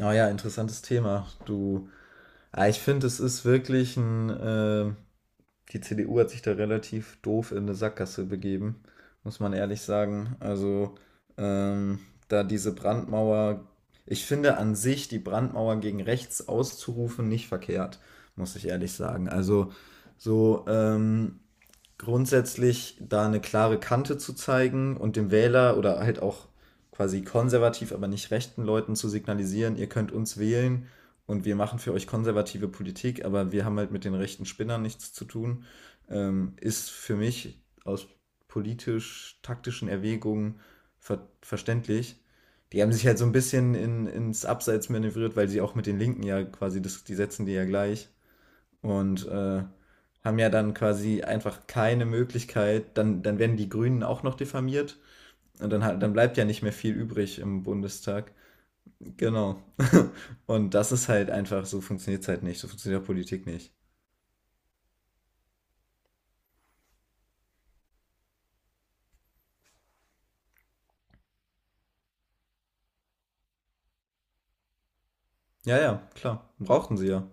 Oh ja, interessantes Thema. Du, ich finde, es ist wirklich ein, die CDU hat sich da relativ doof in eine Sackgasse begeben, muss man ehrlich sagen. Also, ähm, da diese Brandmauer, ich finde an sich die Brandmauer gegen rechts auszurufen nicht verkehrt, muss ich ehrlich sagen. Also, so, grundsätzlich da eine klare Kante zu zeigen und dem Wähler oder halt auch quasi konservativ, aber nicht rechten Leuten zu signalisieren, ihr könnt uns wählen und wir machen für euch konservative Politik, aber wir haben halt mit den rechten Spinnern nichts zu tun, ist für mich aus politisch-taktischen Erwägungen verständlich. Die haben sich halt so ein bisschen ins Abseits manövriert, weil sie auch mit den Linken ja quasi, das, die setzen die ja gleich, und haben ja dann quasi einfach keine Möglichkeit, dann werden die Grünen auch noch diffamiert, und dann, dann bleibt ja nicht mehr viel übrig im Bundestag. Genau. Und das ist halt einfach, so funktioniert es halt nicht, so funktioniert Politik nicht. Ja, ja, klar, brauchten sie ja.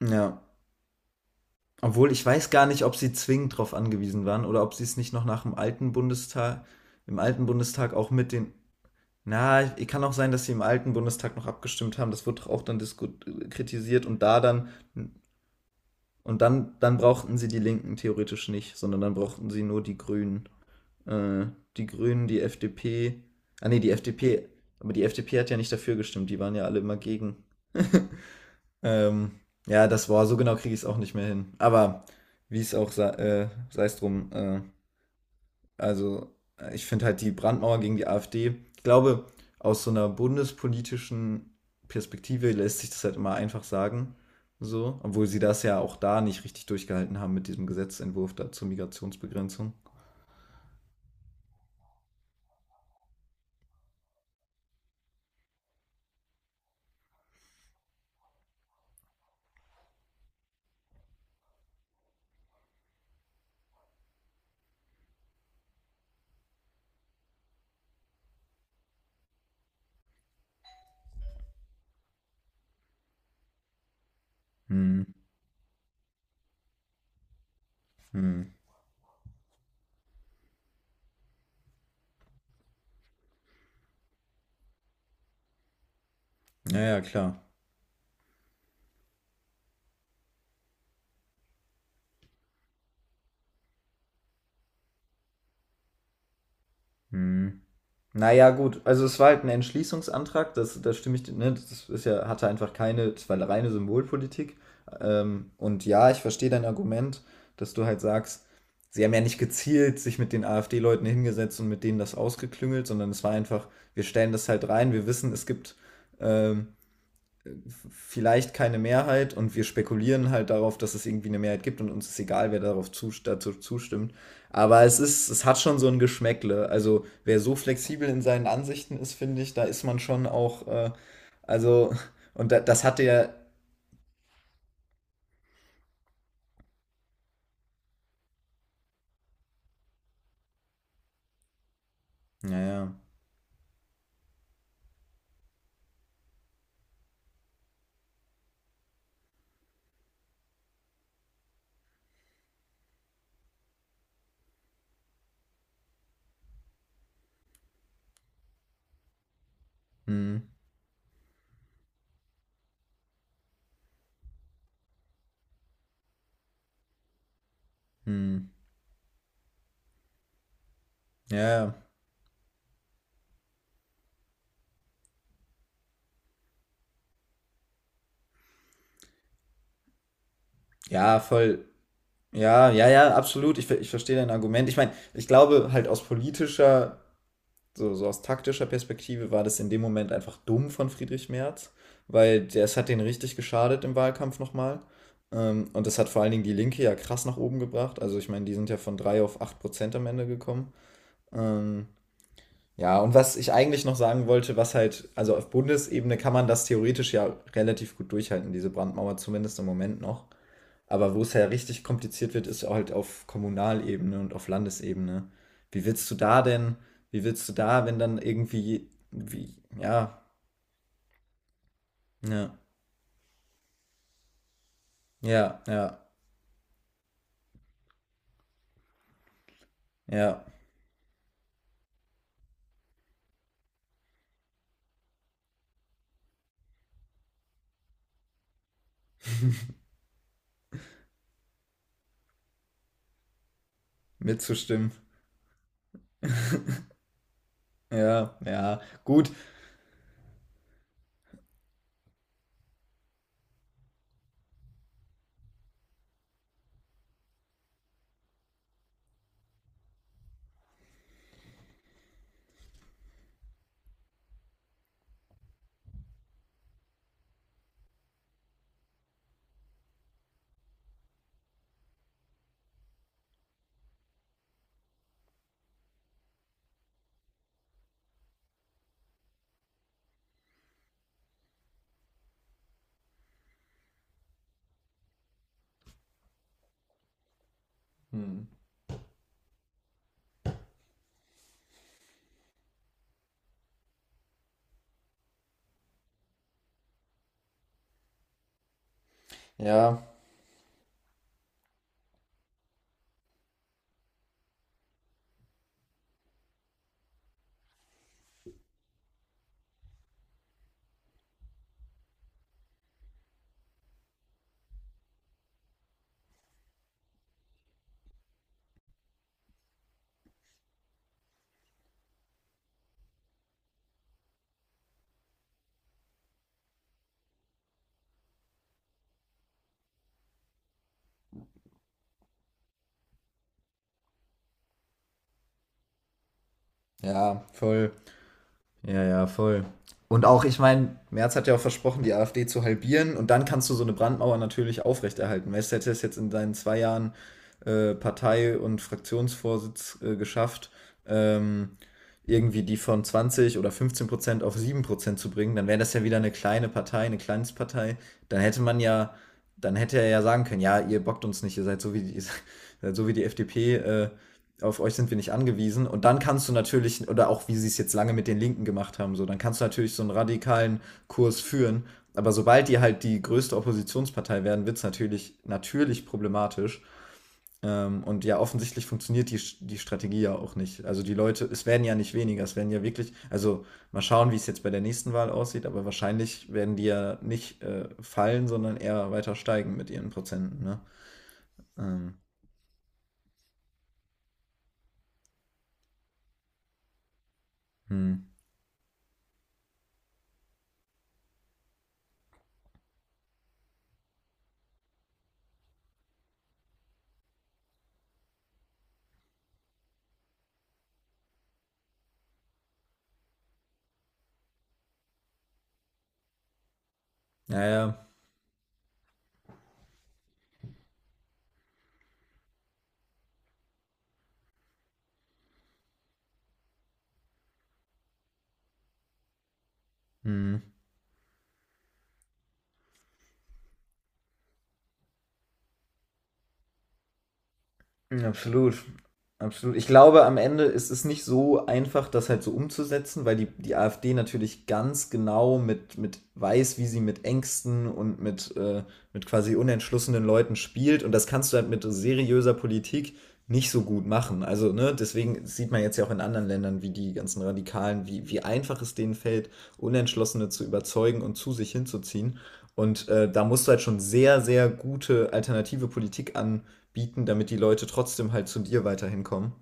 Ja. Obwohl ich weiß gar nicht, ob sie zwingend darauf angewiesen waren oder ob sie es nicht noch nach dem alten Bundestag, im alten Bundestag auch mit den. Na, kann auch sein, dass sie im alten Bundestag noch abgestimmt haben. Das wird auch dann diskut kritisiert und da dann und dann brauchten sie die Linken theoretisch nicht, sondern dann brauchten sie nur die Grünen, äh, die Grünen, die FDP. Ah nee, die FDP. Aber die FDP hat ja nicht dafür gestimmt. Die waren ja alle immer gegen. Ähm, ja, das war so, genau kriege ich es auch nicht mehr hin. Aber wie es auch sei, sei es drum. Also, ich finde halt die Brandmauer gegen die AfD, ich glaube, aus so einer bundespolitischen Perspektive lässt sich das halt immer einfach sagen. So, obwohl sie das ja auch da nicht richtig durchgehalten haben mit diesem Gesetzentwurf da zur Migrationsbegrenzung. Hm, hm. Naja, klar. Hm. Naja, gut, also es war halt ein Entschließungsantrag, das, das stimme ich, ne, das ist ja, hatte einfach keine, es war reine Symbolpolitik. Und ja, ich verstehe dein Argument, dass du halt sagst, sie haben ja nicht gezielt sich mit den AfD-Leuten hingesetzt und mit denen das ausgeklüngelt, sondern es war einfach, wir stellen das halt rein, wir wissen, es gibt ähm, vielleicht keine Mehrheit, und wir spekulieren halt darauf, dass es irgendwie eine Mehrheit gibt und uns ist egal, wer darauf zu, dazu zustimmt. Aber es ist, es hat schon so ein Geschmäckle. Also wer so flexibel in seinen Ansichten ist, finde ich, da ist man schon auch, also, und da, das hatte ja, naja, hm, hm, ja, ja, ja, voll, ja, ja, ja, absolut, ich verstehe dein Argument. Ich meine, ich glaube halt aus politischer. So, so aus taktischer Perspektive war das in dem Moment einfach dumm von Friedrich Merz, weil es hat den richtig geschadet im Wahlkampf nochmal. Und das hat vor allen Dingen die Linke ja krass nach oben gebracht. Also ich meine, die sind ja von 3 auf 8% am Ende gekommen. Ähm, ja, und was ich eigentlich noch sagen wollte, was halt, also auf Bundesebene kann man das theoretisch ja relativ gut durchhalten, diese Brandmauer zumindest im Moment noch. Aber wo es ja richtig kompliziert wird, ist halt auf Kommunalebene und auf Landesebene. Wie willst du da denn, wie willst du da, wenn dann irgendwie, wie, ja, ja, ja, ja, ja, mitzustimmen. Ja, ja, gut. Hm. Ja, ja, voll. Ja, ja, voll. Und auch, ich meine, Merz hat ja auch versprochen, die AfD zu halbieren, und dann kannst du so eine Brandmauer natürlich aufrechterhalten. Weißt du, hätte es jetzt in seinen 2 Jahren Partei- und Fraktionsvorsitz geschafft, ähm, irgendwie die von 20 oder 15% auf 7% zu bringen, dann wäre das ja wieder eine kleine Partei, eine Kleinstpartei. Dann hätte man ja, dann hätte er ja sagen können, ja, ihr bockt uns nicht, ihr seid so wie die, ihr seid so wie die FDP, auf euch sind wir nicht angewiesen. Und dann kannst du natürlich, oder auch wie sie es jetzt lange mit den Linken gemacht haben, so, dann kannst du natürlich so einen radikalen Kurs führen. Aber sobald die halt die größte Oppositionspartei werden, wird es natürlich, natürlich problematisch. Und ja, offensichtlich funktioniert die Strategie ja auch nicht. Also die Leute, es werden ja nicht weniger, es werden ja wirklich, also mal schauen, wie es jetzt bei der nächsten Wahl aussieht, aber wahrscheinlich werden die ja nicht fallen, sondern eher weiter steigen mit ihren Prozenten. Ne? Ähm, hm. Naja, hm. Absolut. Absolut. Ich glaube, am Ende ist es nicht so einfach, das halt so umzusetzen, weil die AfD natürlich ganz genau mit weiß, wie sie mit Ängsten und mit quasi unentschlossenen Leuten spielt. Und das kannst du halt mit seriöser Politik nicht so gut machen. Also, ne, deswegen sieht man jetzt ja auch in anderen Ländern, wie die ganzen Radikalen, wie, wie einfach es denen fällt, Unentschlossene zu überzeugen und zu sich hinzuziehen. Und da musst du halt schon sehr, sehr gute alternative Politik an bieten, damit die Leute trotzdem halt zu dir weiterhin kommen.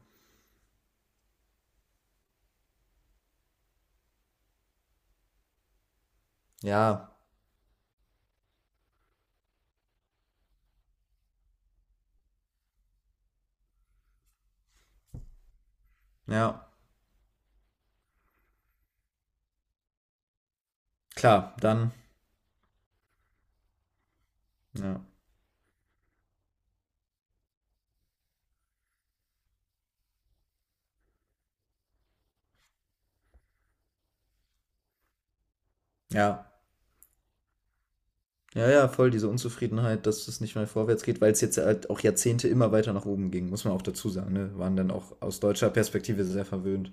Ja, ja, klar, dann, ja, ja. Ja, ja, voll diese Unzufriedenheit, dass es nicht mehr vorwärts geht, weil es jetzt halt auch Jahrzehnte immer weiter nach oben ging, muss man auch dazu sagen. Ne? Waren dann auch aus deutscher Perspektive sehr verwöhnt.